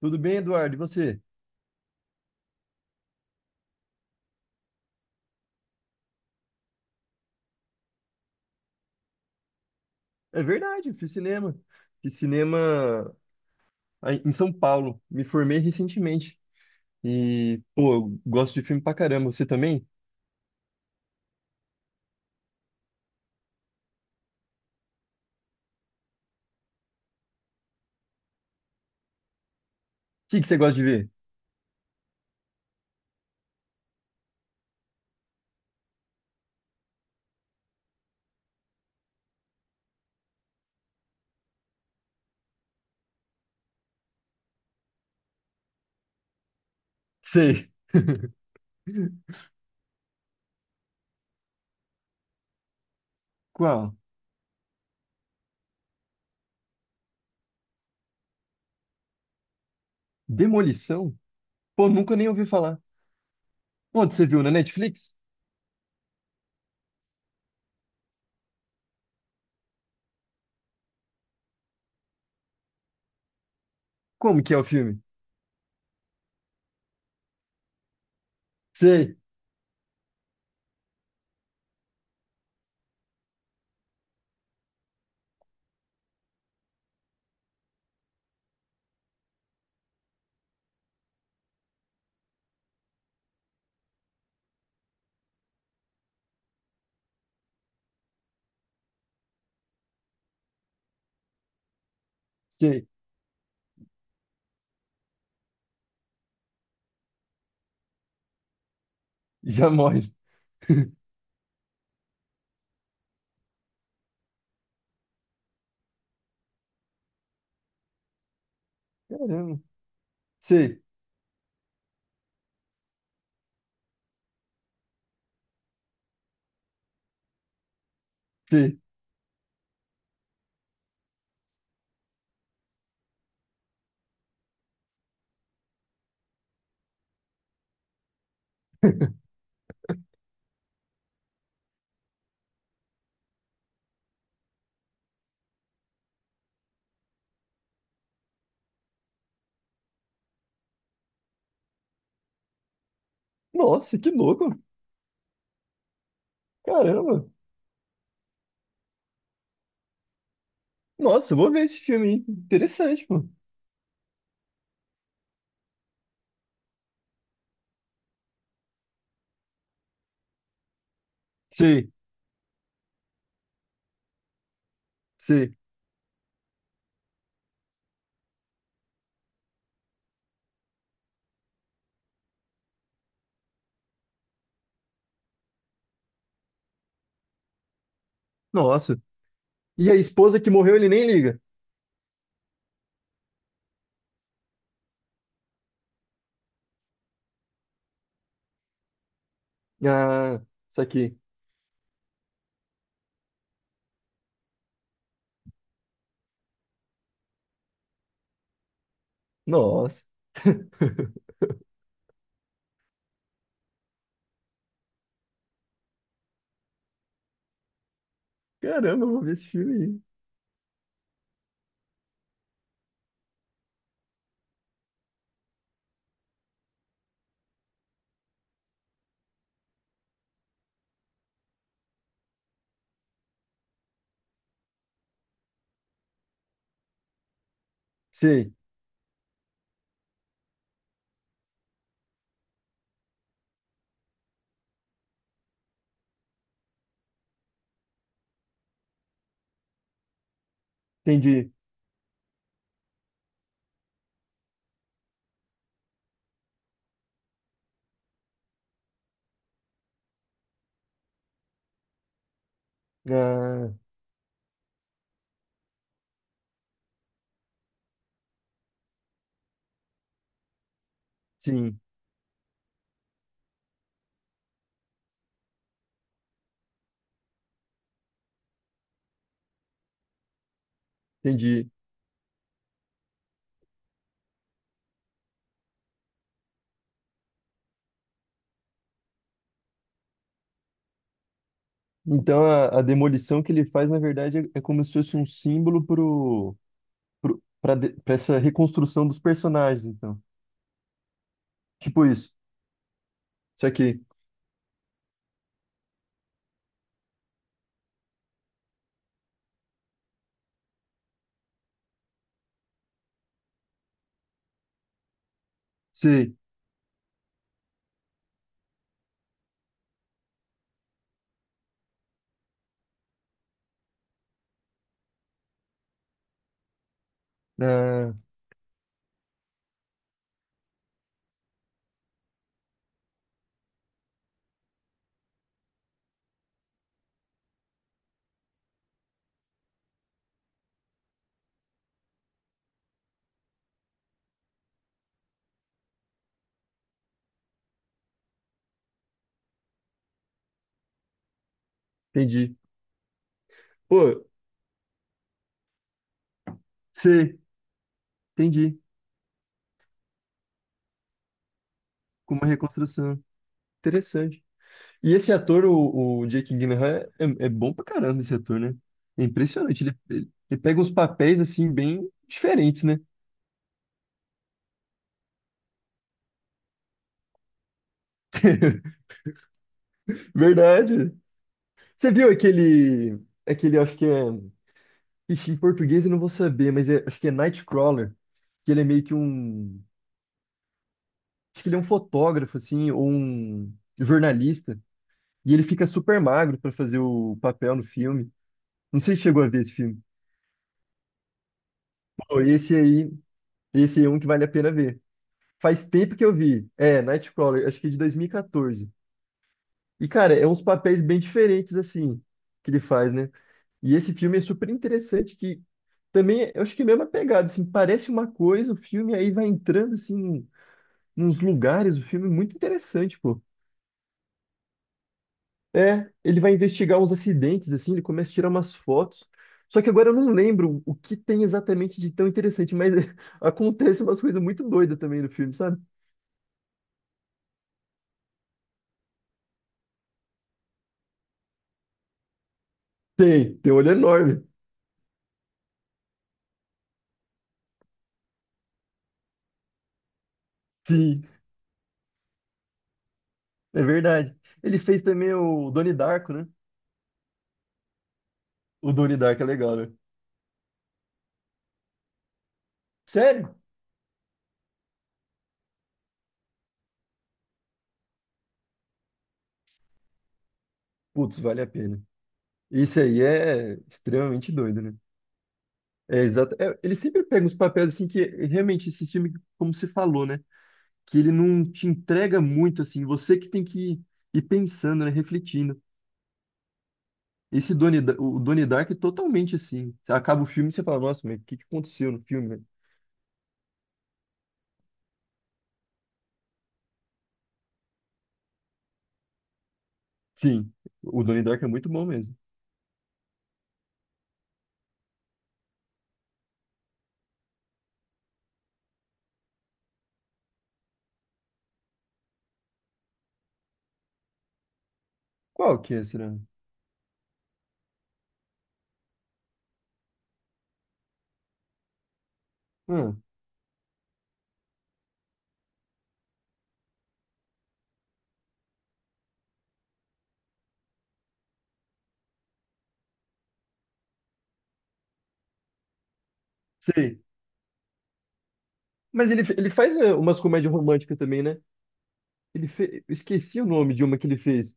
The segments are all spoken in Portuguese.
Tudo bem, Eduardo? E você? É verdade, eu fiz cinema. Fiz cinema aí em São Paulo. Me formei recentemente. E, pô, eu gosto de filme pra caramba. Você também? O que que você gosta de ver? Sei. Qual? Demolição? Pô, nunca nem ouvi falar. Onde você viu? Na Netflix? Como que é o filme? Sei, sei. Já morre. Caramba. Sei, sei. Nossa, que louco. Caramba. Nossa, eu vou ver esse filme, hein? Interessante, pô. Sei, sei. Nossa. E a esposa que morreu, ele nem liga. Ah, isso aqui. Nossa. Caramba, eu vou ver esse filme aí. Sei, entendi. Ah, sim, entendi. Então a demolição que ele faz, na verdade, é, é como se fosse um símbolo pro, pro, pra, pra essa reconstrução dos personagens, então. Tipo isso. Isso aqui. Sei. Ah, entendi. Pô, sei, entendi. Com uma reconstrução. Interessante. E esse ator, o Jake Gyllenhaal, é, é bom pra caramba esse ator, né? É impressionante. Ele pega uns papéis, assim, bem diferentes, né? Verdade. Você viu aquele, acho que é... Ixi, em português eu não vou saber, mas acho que é Nightcrawler, que ele é meio que um... Acho que ele é um fotógrafo, assim, ou um jornalista. E ele fica super magro pra fazer o papel no filme. Não sei se chegou a ver esse filme. Pô, esse aí, esse aí é um que vale a pena ver. Faz tempo que eu vi. É, Nightcrawler, acho que é de 2014. E, quatorze. E, cara, é uns papéis bem diferentes, assim, que ele faz, né? E esse filme é super interessante, que também, eu acho que é a mesma pegada, assim, parece uma coisa, o filme aí vai entrando, assim, nos lugares, o filme é muito interessante, pô. É, ele vai investigar uns acidentes, assim, ele começa a tirar umas fotos. Só que agora eu não lembro o que tem exatamente de tão interessante, mas acontece umas coisas muito doidas também no filme, sabe? Tem um olho enorme. Sim. É verdade. Ele fez também o Donnie Darko, né? O Donnie Darko é legal, né? Sério? Putz, vale a pena. Isso aí é extremamente doido, né? É exato. É, ele sempre pega uns papéis assim que realmente esse filme, como você falou, né? Que ele não te entrega muito assim. Você que tem que ir pensando, né? Refletindo. Esse o Donnie Darko é totalmente assim. Você acaba o filme e você fala, nossa, mas o que que aconteceu no filme, né? Sim, o Donnie Darko é muito bom mesmo. Qual que é, será? Ah, sei. Mas ele faz é, umas comédias românticas também, né? Eu esqueci o nome de uma que ele fez.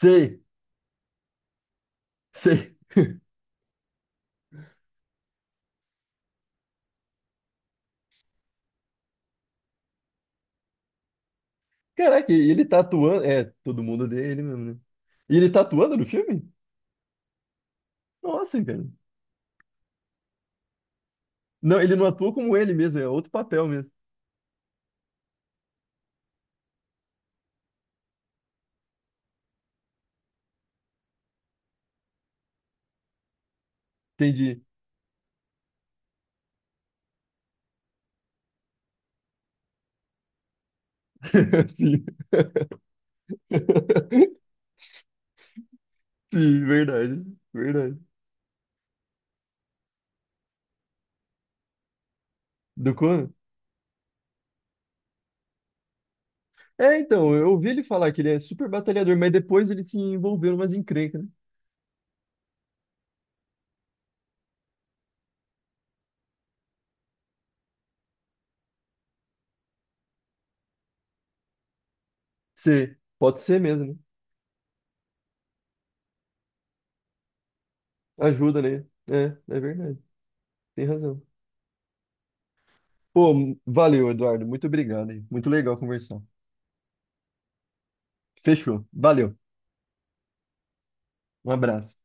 Sei, sei. Caraca, e ele tá atuando. É, todo mundo odeia ele mesmo, né? E ele tá atuando no filme? Nossa, cara. Não, ele não atua como ele mesmo, é outro papel mesmo. Entendi. Sim. Sim, verdade, verdade. Do Conan? É, então, eu ouvi ele falar que ele é super batalhador, mas depois ele se envolveu numas encrencas, né? Ser, pode ser mesmo, né? Ajuda, né? É, é verdade. Tem razão. Pô, valeu, Eduardo. Muito obrigado, hein? Muito legal conversar. Fechou. Valeu. Um abraço.